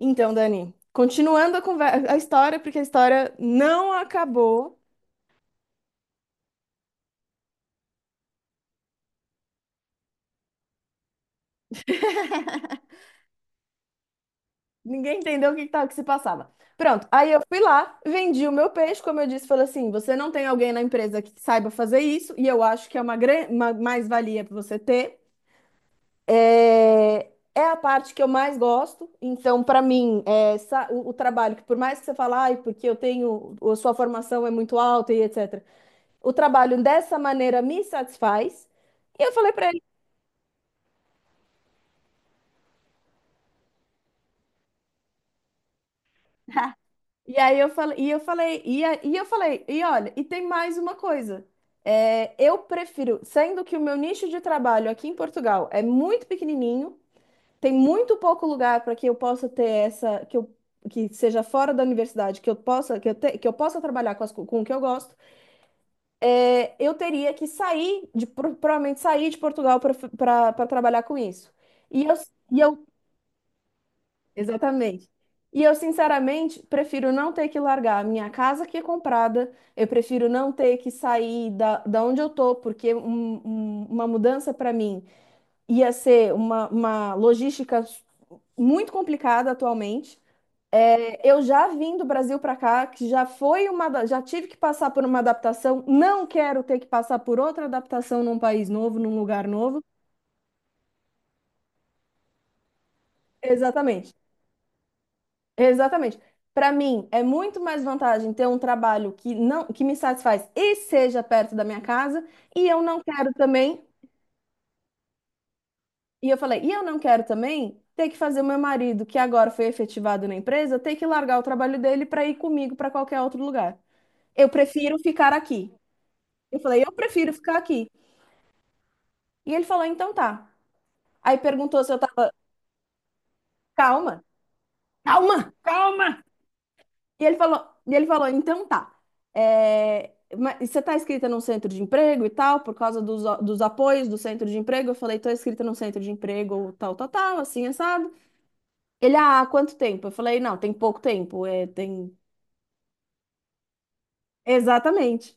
Então, Dani, continuando a história, porque a história não acabou, ninguém entendeu o que, que se passava. Pronto, aí eu fui lá, vendi o meu peixe, como eu disse, falei assim: você não tem alguém na empresa que saiba fazer isso, e eu acho que é uma mais-valia para você ter. É a parte que eu mais gosto, então, para mim, o trabalho, que por mais que você fale, ai, porque eu tenho, a sua formação é muito alta e etc., o trabalho dessa maneira me satisfaz. E eu falei pra E aí eu falei, e olha, e tem mais uma coisa. É, eu prefiro, sendo que o meu nicho de trabalho aqui em Portugal é muito pequenininho, tem muito pouco lugar para que eu possa ter essa, que seja fora da universidade, que eu possa trabalhar com o que eu gosto, é, eu teria que sair, provavelmente sair de Portugal para trabalhar com isso. E eu, e eu Exatamente. E eu, sinceramente, prefiro não ter que largar a minha casa que é comprada, eu prefiro não ter que sair da onde eu tô, porque uma mudança para mim ia ser uma logística muito complicada atualmente. É, eu já vim do Brasil para cá, que já foi já tive que passar por uma adaptação, não quero ter que passar por outra adaptação num país novo, num lugar novo. Exatamente. Exatamente. Para mim, é muito mais vantagem ter um trabalho que não que me satisfaz e seja perto da minha casa, e eu não quero também, e eu não quero também ter que fazer o meu marido, que agora foi efetivado na empresa, ter que largar o trabalho dele para ir comigo para qualquer outro lugar. Eu prefiro ficar aqui. Eu falei, eu prefiro ficar aqui. E ele falou, então tá. Aí perguntou se eu tava calma, calma, calma. E ele falou, então tá. É, mas você tá inscrita num centro de emprego e tal, por causa dos apoios do centro de emprego? Eu falei, tô inscrita num centro de emprego, tal, tal, tal, assim, assado. Ele, há quanto tempo? Eu falei, não, tem pouco tempo, é, tem. Exatamente.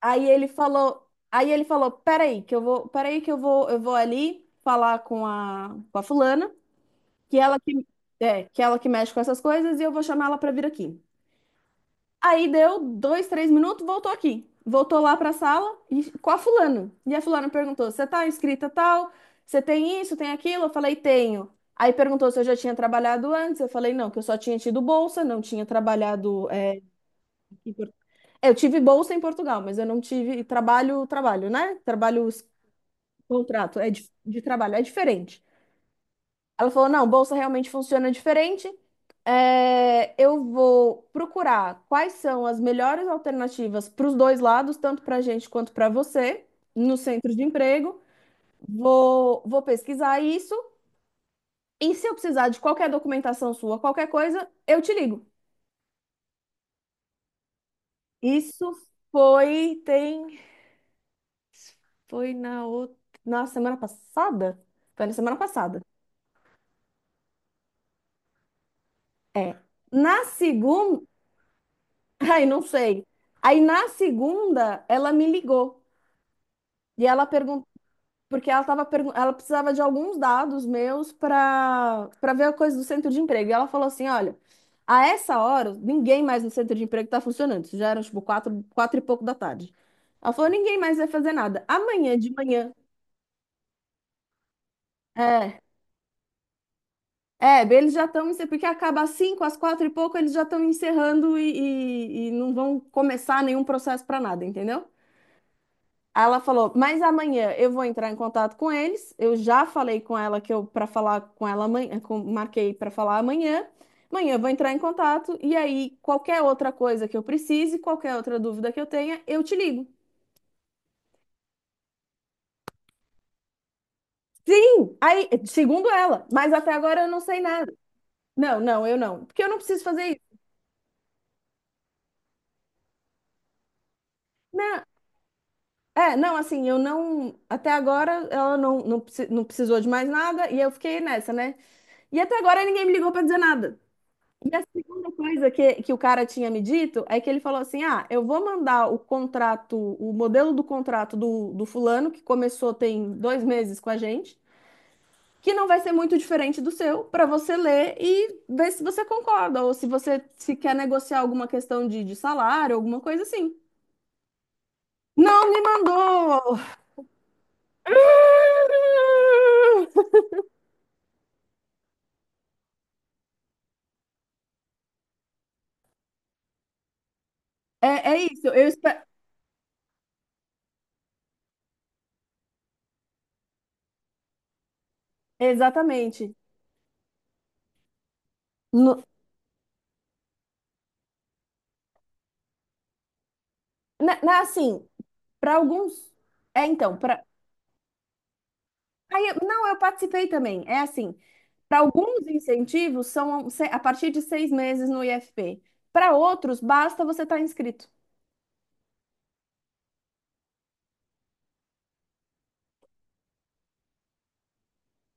Aí ele falou, peraí, que eu vou, peraí que eu vou ali falar com a fulana, que ela que, que ela que mexe com essas coisas e eu vou chamar ela pra vir aqui. Aí deu dois, três minutos, voltou aqui. Voltou lá para a sala e, com a fulana. E a fulana perguntou: Você tá inscrita tal? Você tem isso, tem aquilo? Eu falei: Tenho. Aí perguntou se eu já tinha trabalhado antes. Eu falei: Não, que eu só tinha tido bolsa, não tinha trabalhado. Em Por- Eu tive bolsa em Portugal, mas eu não tive trabalho, trabalho, né? Trabalho, contrato, é de trabalho, é diferente. Ela falou: não, bolsa realmente funciona diferente. É, eu vou procurar quais são as melhores alternativas para os dois lados, tanto para a gente quanto para você, no centro de emprego. Vou pesquisar isso. E se eu precisar de qualquer documentação sua, qualquer coisa, eu te ligo. Isso foi, tem, foi na outra, na semana passada? Foi na semana passada. É. Na segunda, ai, não sei. Aí na segunda, ela me ligou. E ela perguntou, porque ela precisava de alguns dados meus para ver a coisa do centro de emprego. E ela falou assim: olha, a essa hora, ninguém mais no centro de emprego está funcionando. Isso já era tipo quatro, quatro e pouco da tarde. Ela falou: ninguém mais vai fazer nada. Amanhã de manhã. É, é, eles já estão, porque acaba às cinco, às quatro e pouco, eles já estão encerrando e não vão começar nenhum processo para nada, entendeu? Aí ela falou, mas amanhã eu vou entrar em contato com eles. Eu já falei com ela que eu para falar com ela amanhã, marquei para falar amanhã. Amanhã eu vou entrar em contato e aí qualquer outra coisa que eu precise, qualquer outra dúvida que eu tenha, eu te ligo. Sim, aí, segundo ela, mas até agora eu não sei nada. Não, não, eu não, porque eu não preciso fazer isso. Não, é, não, assim, eu não, até agora ela não precisou de mais nada e eu fiquei nessa, né? E até agora ninguém me ligou para dizer nada. E a segunda coisa que o cara tinha me dito é que ele falou assim: eu vou mandar o contrato, o modelo do contrato do fulano, que começou tem 2 meses com a gente, que não vai ser muito diferente do seu, para você ler e ver se você concorda, ou se você se quer negociar alguma questão de salário, alguma coisa assim. Não me mandou! É, é isso, eu espero. Exatamente. No, né, assim, para alguns. É, então, não, eu participei também. É assim, para alguns incentivos são a partir de 6 meses no IFP. Para outros, basta você estar inscrito.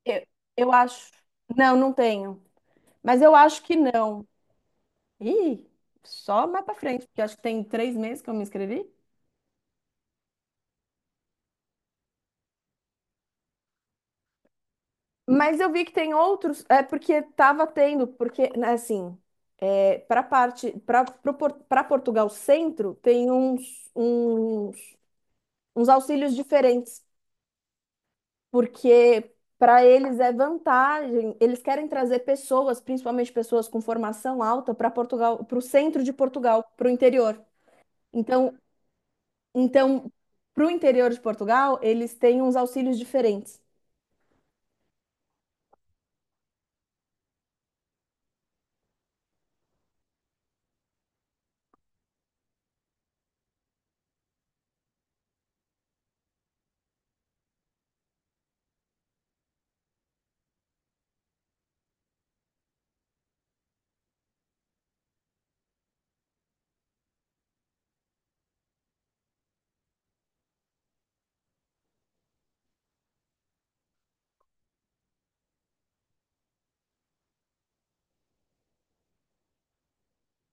Eu, eu acho. Não, não tenho. Mas eu acho que não. Ih, só mais para frente, porque acho que tem 3 meses que eu me inscrevi. Mas eu vi que tem outros, é porque estava tendo, porque né, assim, para parte, para para Portugal Centro tem uns auxílios diferentes. Porque para eles é vantagem, eles querem trazer pessoas, principalmente pessoas com formação alta, para Portugal, para o centro de Portugal, para o interior. Então, então, para o interior de Portugal, eles têm uns auxílios diferentes.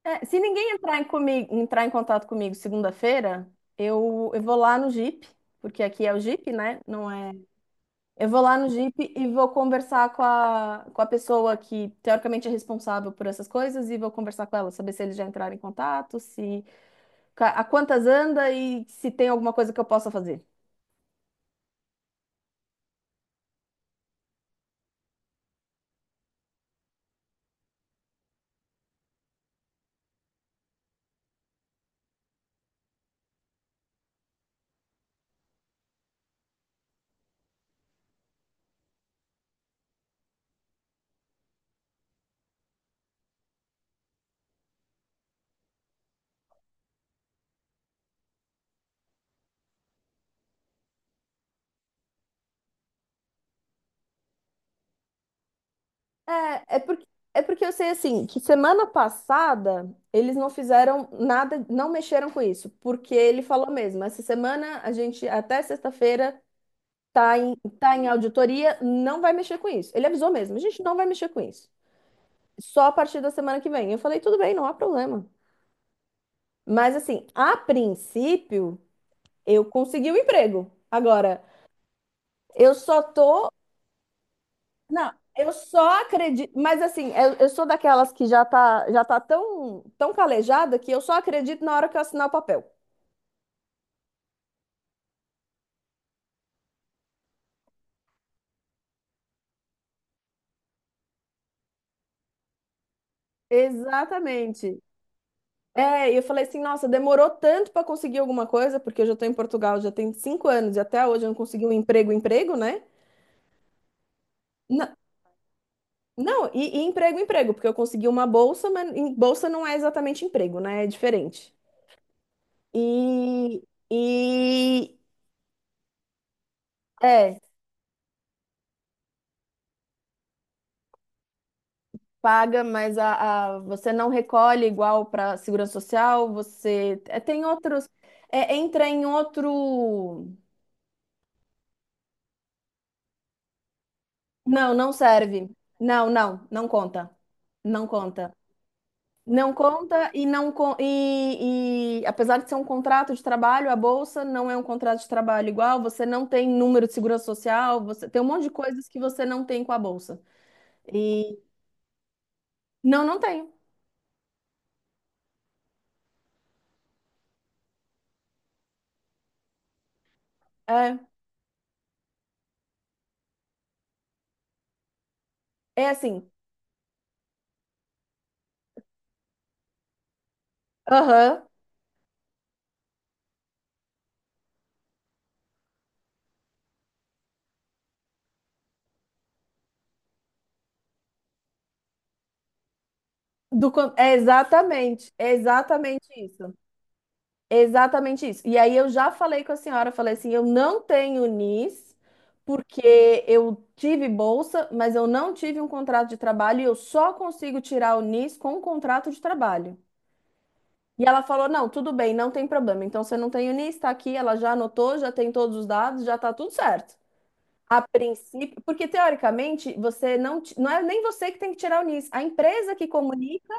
É, se ninguém entrar em contato comigo segunda-feira, eu vou lá no Jeep, porque aqui é o Jeep, né? Não é. Eu vou lá no Jeep e vou conversar com a pessoa que teoricamente é responsável por essas coisas e vou conversar com ela, saber se eles já entraram em contato, se ca- a quantas anda e se tem alguma coisa que eu possa fazer. É, é porque eu sei assim, que semana passada eles não fizeram nada, não mexeram com isso, porque ele falou mesmo, essa semana a gente até sexta-feira tá em, tá em auditoria, não vai mexer com isso. Ele avisou mesmo, a gente não vai mexer com isso. Só a partir da semana que vem. Eu falei, tudo bem, não há problema. Mas assim, a princípio, eu consegui o emprego. Agora, eu só tô. Não, eu só acredito. Mas assim, eu sou daquelas que já tá tão, tão calejada que eu só acredito na hora que eu assinar o papel. Exatamente. É, e eu falei assim, nossa, demorou tanto para conseguir alguma coisa, porque eu já tô em Portugal já tem 5 anos e até hoje eu não consegui um emprego, emprego, né? Na- Não, e emprego, emprego, porque eu consegui uma bolsa, mas bolsa não é exatamente emprego, né? É diferente. E, e é, paga, mas você não recolhe igual para segurança social, você é, tem outros, é, entra em outro. Não, não serve. Não, não, não conta. Não conta. Não conta e não con- e apesar de ser um contrato de trabalho, a bolsa não é um contrato de trabalho igual, você não tem número de segurança social, você tem um monte de coisas que você não tem com a bolsa. E não, não tem. É, é assim. Aham. do con- é exatamente isso. Exatamente isso. E aí eu já falei com a senhora, falei assim, eu não tenho NIS, porque eu tive bolsa, mas eu não tive um contrato de trabalho e eu só consigo tirar o NIS com um contrato de trabalho. E ela falou, não, tudo bem, não tem problema. Então você não tem o NIS, está aqui, ela já anotou, já tem todos os dados, já está tudo certo. A princípio, porque teoricamente você não é nem você que tem que tirar o NIS, a empresa que comunica,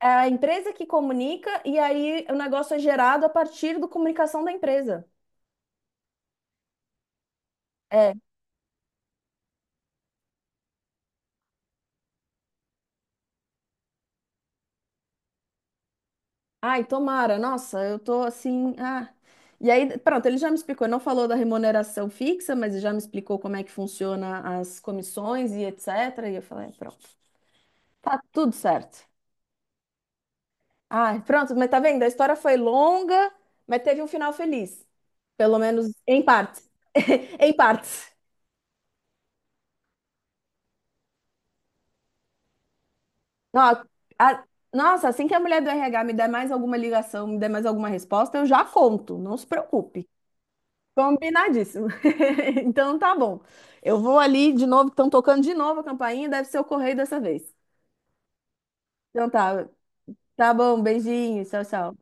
é a empresa que comunica e aí o negócio é gerado a partir da comunicação da empresa. É. Ai, tomara. Nossa, eu tô assim. Ah. E aí, pronto, ele já me explicou. Ele não falou da remuneração fixa, mas ele já me explicou como é que funciona as comissões e etc. E eu falei, "É, pronto, tá tudo certo. Ai, pronto, mas tá vendo? A história foi longa, mas teve um final feliz. Pelo menos em parte. Em partes. Nó- a- Nossa, assim que a mulher do RH me der mais alguma ligação, me der mais alguma resposta, eu já conto. Não se preocupe. Combinadíssimo. Então tá bom. Eu vou ali de novo, estão tocando de novo a campainha, deve ser o correio dessa vez. Então tá, tá bom, beijinho, tchau, tchau.